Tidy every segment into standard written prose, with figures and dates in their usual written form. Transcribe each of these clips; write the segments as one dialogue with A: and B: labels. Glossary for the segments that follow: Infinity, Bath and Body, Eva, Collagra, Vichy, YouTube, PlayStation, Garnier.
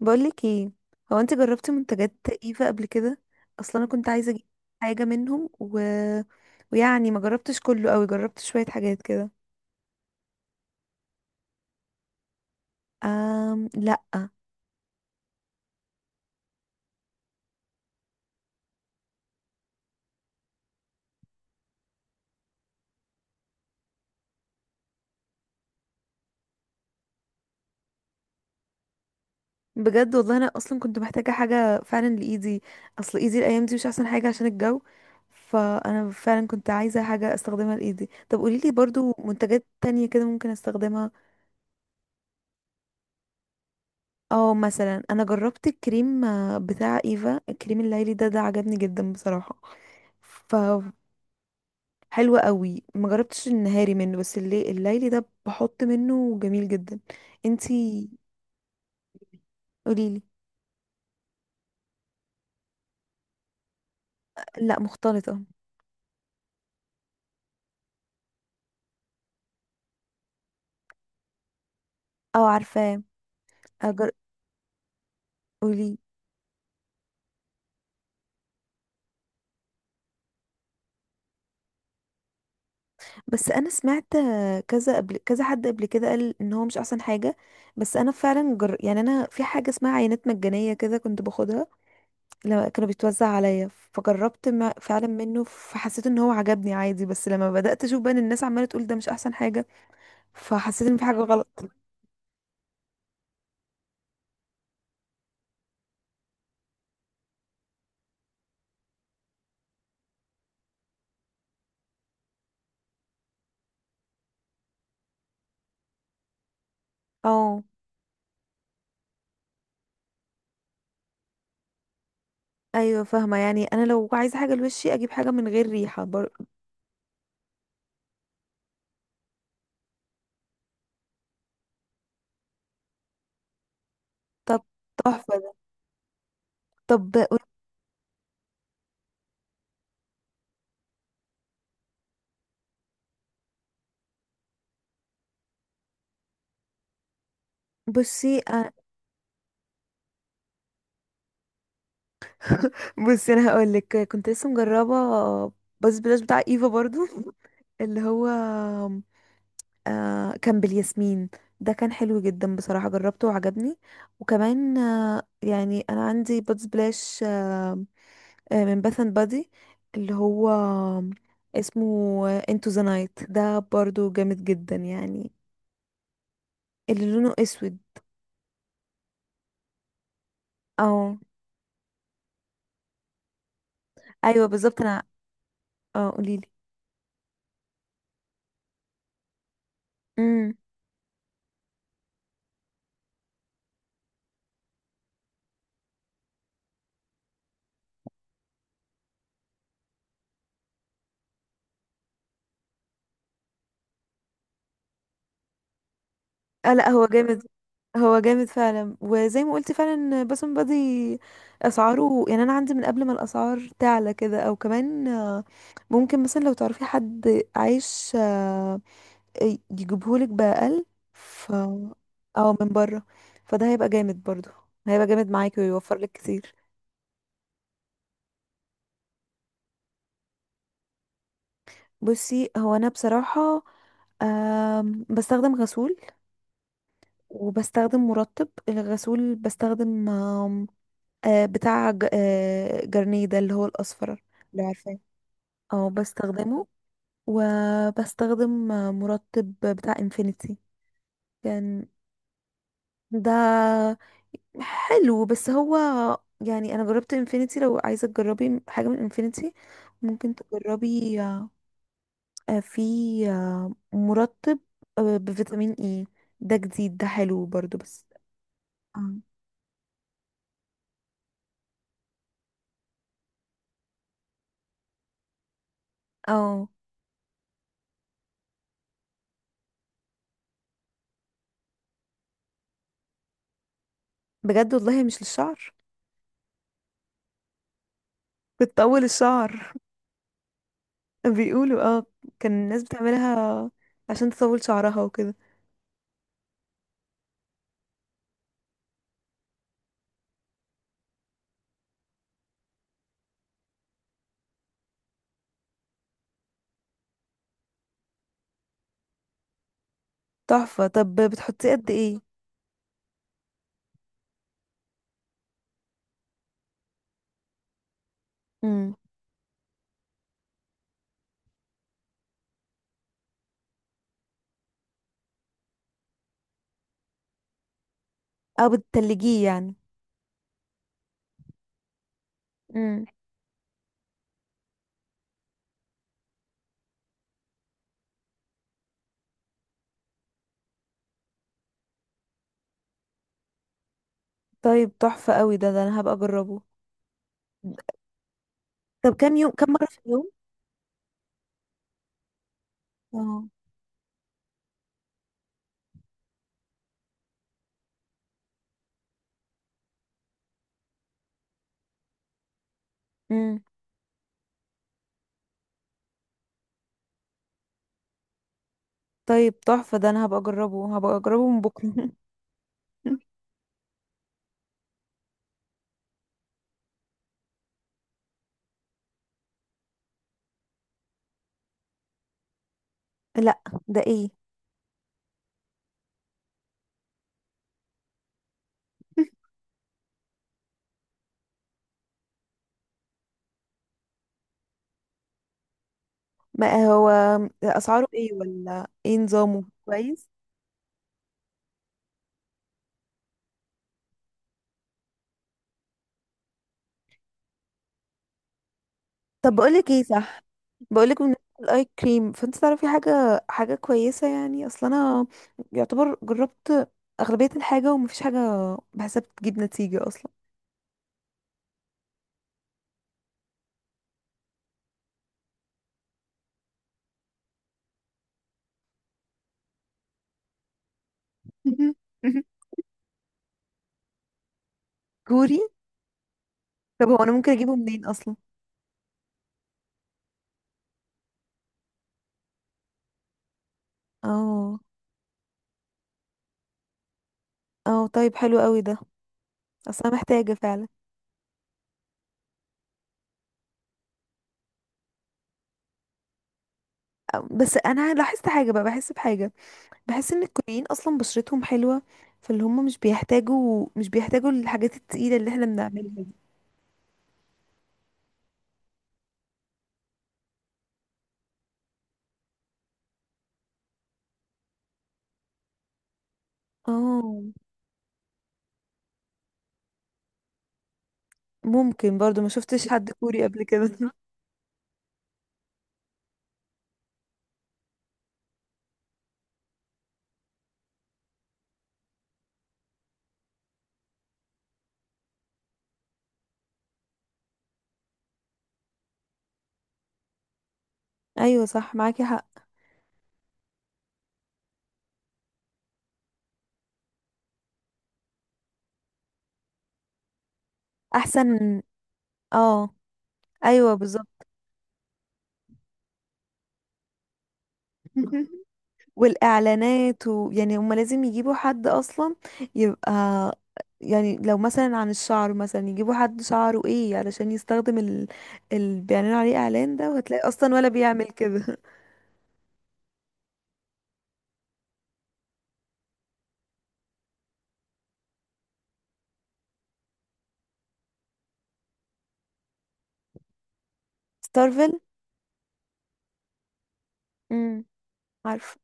A: بقولك ايه؟ هو انت جربتي منتجات ايفا قبل كده؟ اصلا انا كنت عايزه اجيب حاجه منهم ويعني ما جربتش كله قوي، جربت شويه حاجات كده. لا. بجد والله انا اصلا كنت محتاجه حاجه فعلا لايدي، اصل ايدي الايام دي مش احسن حاجه عشان الجو. فانا فعلا كنت عايزه حاجه استخدمها لايدي. طب قوليلي برضو منتجات تانية كده ممكن استخدمها؟ اه، مثلا انا جربت الكريم بتاع ايفا. الكريم الليلي ده عجبني جدا بصراحه. ف حلو قوي، ما جربتش النهاري منه بس اللي الليلي ده بحط منه جميل جدا. انتي، قوليلي. لا، مختلطة. اه عارفاه. أجر... قولي. بس انا سمعت كذا، قبل كذا حد قبل كده قال ان هو مش احسن حاجة. بس انا فعلا يعني انا في حاجة اسمها عينات مجانية كده كنت باخدها لما كانوا بيتوزع عليا، فجربت ما... فعلا منه، فحسيت ان هو عجبني عادي. بس لما بدأت اشوف بقى ان الناس عمالة تقول ده مش احسن حاجة، فحسيت ان في حاجة غلط. اه. ايوه فاهمه، يعني انا لو عايزه حاجه لوشي اجيب حاجه من غير ريحه طب تحفه ده. طب، بصي بصي انا هقول لك كنت لسه مجربه، بس بلاش بتاع ايفا برضو. اللي هو، كان بالياسمين. ده كان حلو جدا بصراحه، جربته وعجبني. وكمان يعني انا عندي بادز بلاش من باث اند بادي. اللي هو اسمه انتو ذا نايت، ده برضو جامد جدا يعني. اللي لونه اسود. اه، ايوه بالظبط، انا. اه قوليلي. امم. آه لا، هو جامد. هو جامد فعلا، وزي ما قلت فعلا باسم بادي. اسعاره يعني، انا عندي من قبل ما الاسعار تعلى كده، او كمان ممكن مثلا لو تعرفي حد عايش يجيبهولك باقل. ف او من بره، فده هيبقى جامد برضو، هيبقى جامد معاكي ويوفر لك كتير. بصي هو انا بصراحة بستخدم غسول. وبستخدم مرطب الغسول، بستخدم آم، آه، بتاع جارنيه ده، اللي هو الأصفر. لو عارفاه. اه بستخدمه. وبستخدم مرطب بتاع انفينيتي كان. ده حلو، بس هو يعني انا جربت انفينيتي، لو عايزه تجربي حاجه من انفينيتي ممكن تجربي في مرطب بفيتامين اي. ده جديد، ده حلو برضو بس. اه. آه، بجد والله مش للشعر. بتطول الشعر. بيقولوا اه. كان الناس بتعملها عشان تطول شعرها وكده. تحفة. طب بتحطيه قد ايه؟ امم. او بتتلجيه يعني. امم. طيب تحفة قوي ده انا هبقى اجربه. طب كام يوم، كام مرة في اليوم؟ اه. امم. طيب تحفة ده، انا هبقى اجربه، هبقى اجربه من بكرة. لا، ده ايه؟ ما هو اسعاره ايه، ولا ايه نظامه، كويس؟ طب بقولك ايه، صح؟ بقولك بالنسبة للاي كريم، فانت تعرفي حاجة، حاجة كويسة؟ يعني اصل انا يعتبر جربت اغلبية الحاجة، ومفيش حاجة بحسها بتجيب نتيجة اصلا. كوري. طب هو انا ممكن اجيبه منين اصلا؟ اه. اه طيب، حلو قوي ده. اصل انا محتاجة فعلا. بس انا لاحظت حاجة بقى، بحس بحاجة، بحس ان الكوريين اصلا بشرتهم حلوة، فاللي هم مش بيحتاجوا، الحاجات التقيلة اللي احنا بنعملها. اه. ممكن برضو، ما شفتش حد كوري قبل كده. ايوه صح، معاكي حق. احسن. اه، ايوه بالظبط. والاعلانات، ويعني هما لازم يجيبوا حد اصلا يبقى، يعني لو مثلا عن الشعر، مثلا يجيبوا حد شعره ايه علشان يستخدم اللي بيعلنوا عليه اعلان ده، وهتلاقي اصلا ولا بيعمل كده. ستارفل. امم. عارفه،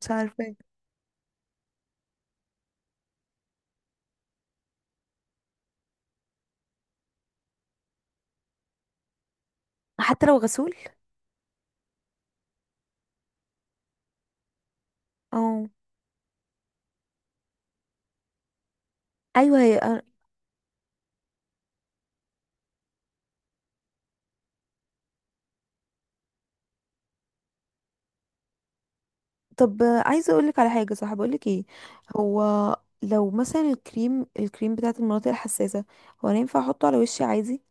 A: مش عارفه. حتى لو غسول. اه، ايوه هي. طب عايزه اقولك على حاجه، صح؟ بقولك ايه، هو لو مثلا الكريم، بتاعت المناطق الحساسه، هو انا ينفع احطه على وشي عادي؟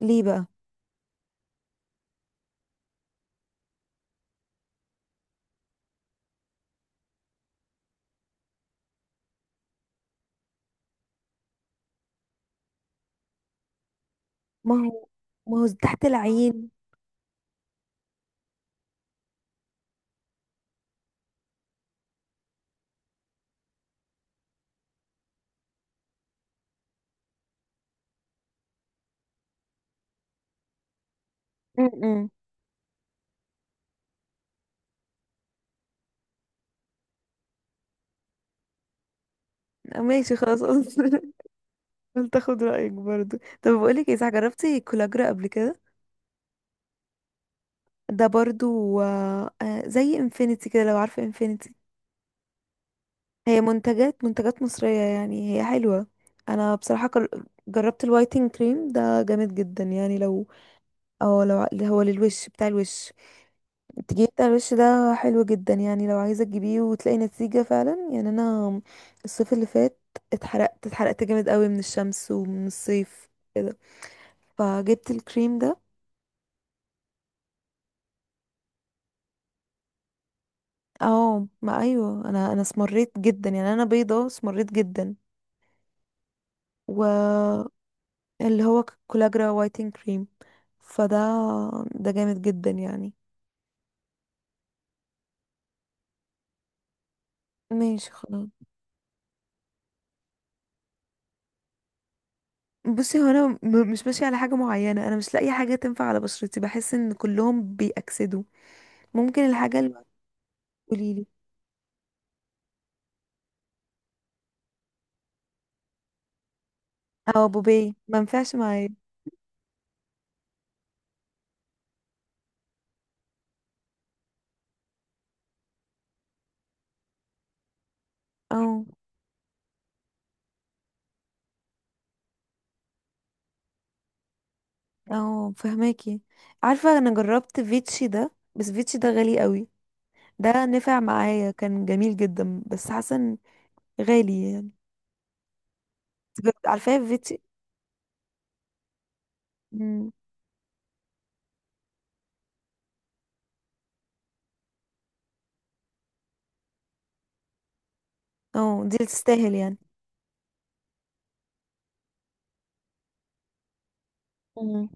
A: ليه بقى؟ ما هو، تحت العين. امم. ماشي خلاص. قلت اخد رايك برضو. طب بقولك ايه، صح؟ جربتي كولاجرا قبل كده؟ ده برضو زي انفينيتي كده، لو عارفه انفينيتي. هي منتجات، مصريه يعني، هي حلوه. انا بصراحه جربت الوايتنج كريم ده، جامد جدا يعني. لو اه، لو اللي هو للوش، بتاع الوش، التجميل بتاع الوش ده، حلو جدا يعني. لو عايزة تجيبيه وتلاقي نتيجة فعلا. يعني انا الصيف اللي فات اتحرقت، اتحرقت جامد قوي من الشمس ومن الصيف كده، فجبت الكريم ده. اه. ما ايوه، انا اسمريت جدا، يعني انا بيضة اسمريت جدا. واللي هو كولاجرا وايتنج كريم. فده جامد جدا يعني. ماشي خلاص. بصي هو انا مش ماشيه على حاجه معينه، انا مش لاقي حاجه تنفع على بشرتي، بحس ان كلهم بيأكسدوا. ممكن الحاجه اللي هتقولي لي. او بوبي ما ينفعش معايا. او، فهماكي. عارفه انا جربت فيتشي ده، بس فيتشي ده غالي قوي. ده نفع معايا، كان جميل جدا، بس حاسه إن غالي يعني. عارفه فيتشي. مم. اه، دي اللي تستاهل يعني. مم.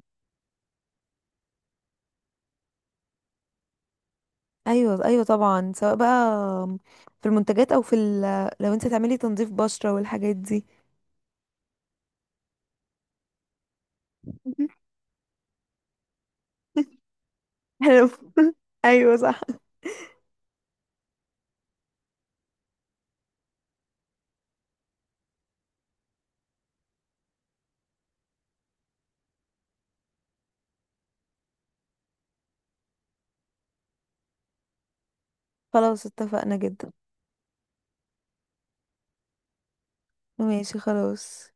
A: ايوه، ايوه طبعا، سواء بقى في المنتجات او في لو انت تعملي تنظيف بشره والحاجات دي. حلو. ايوه صح. خلاص، اتفقنا جدا. ماشي خلاص.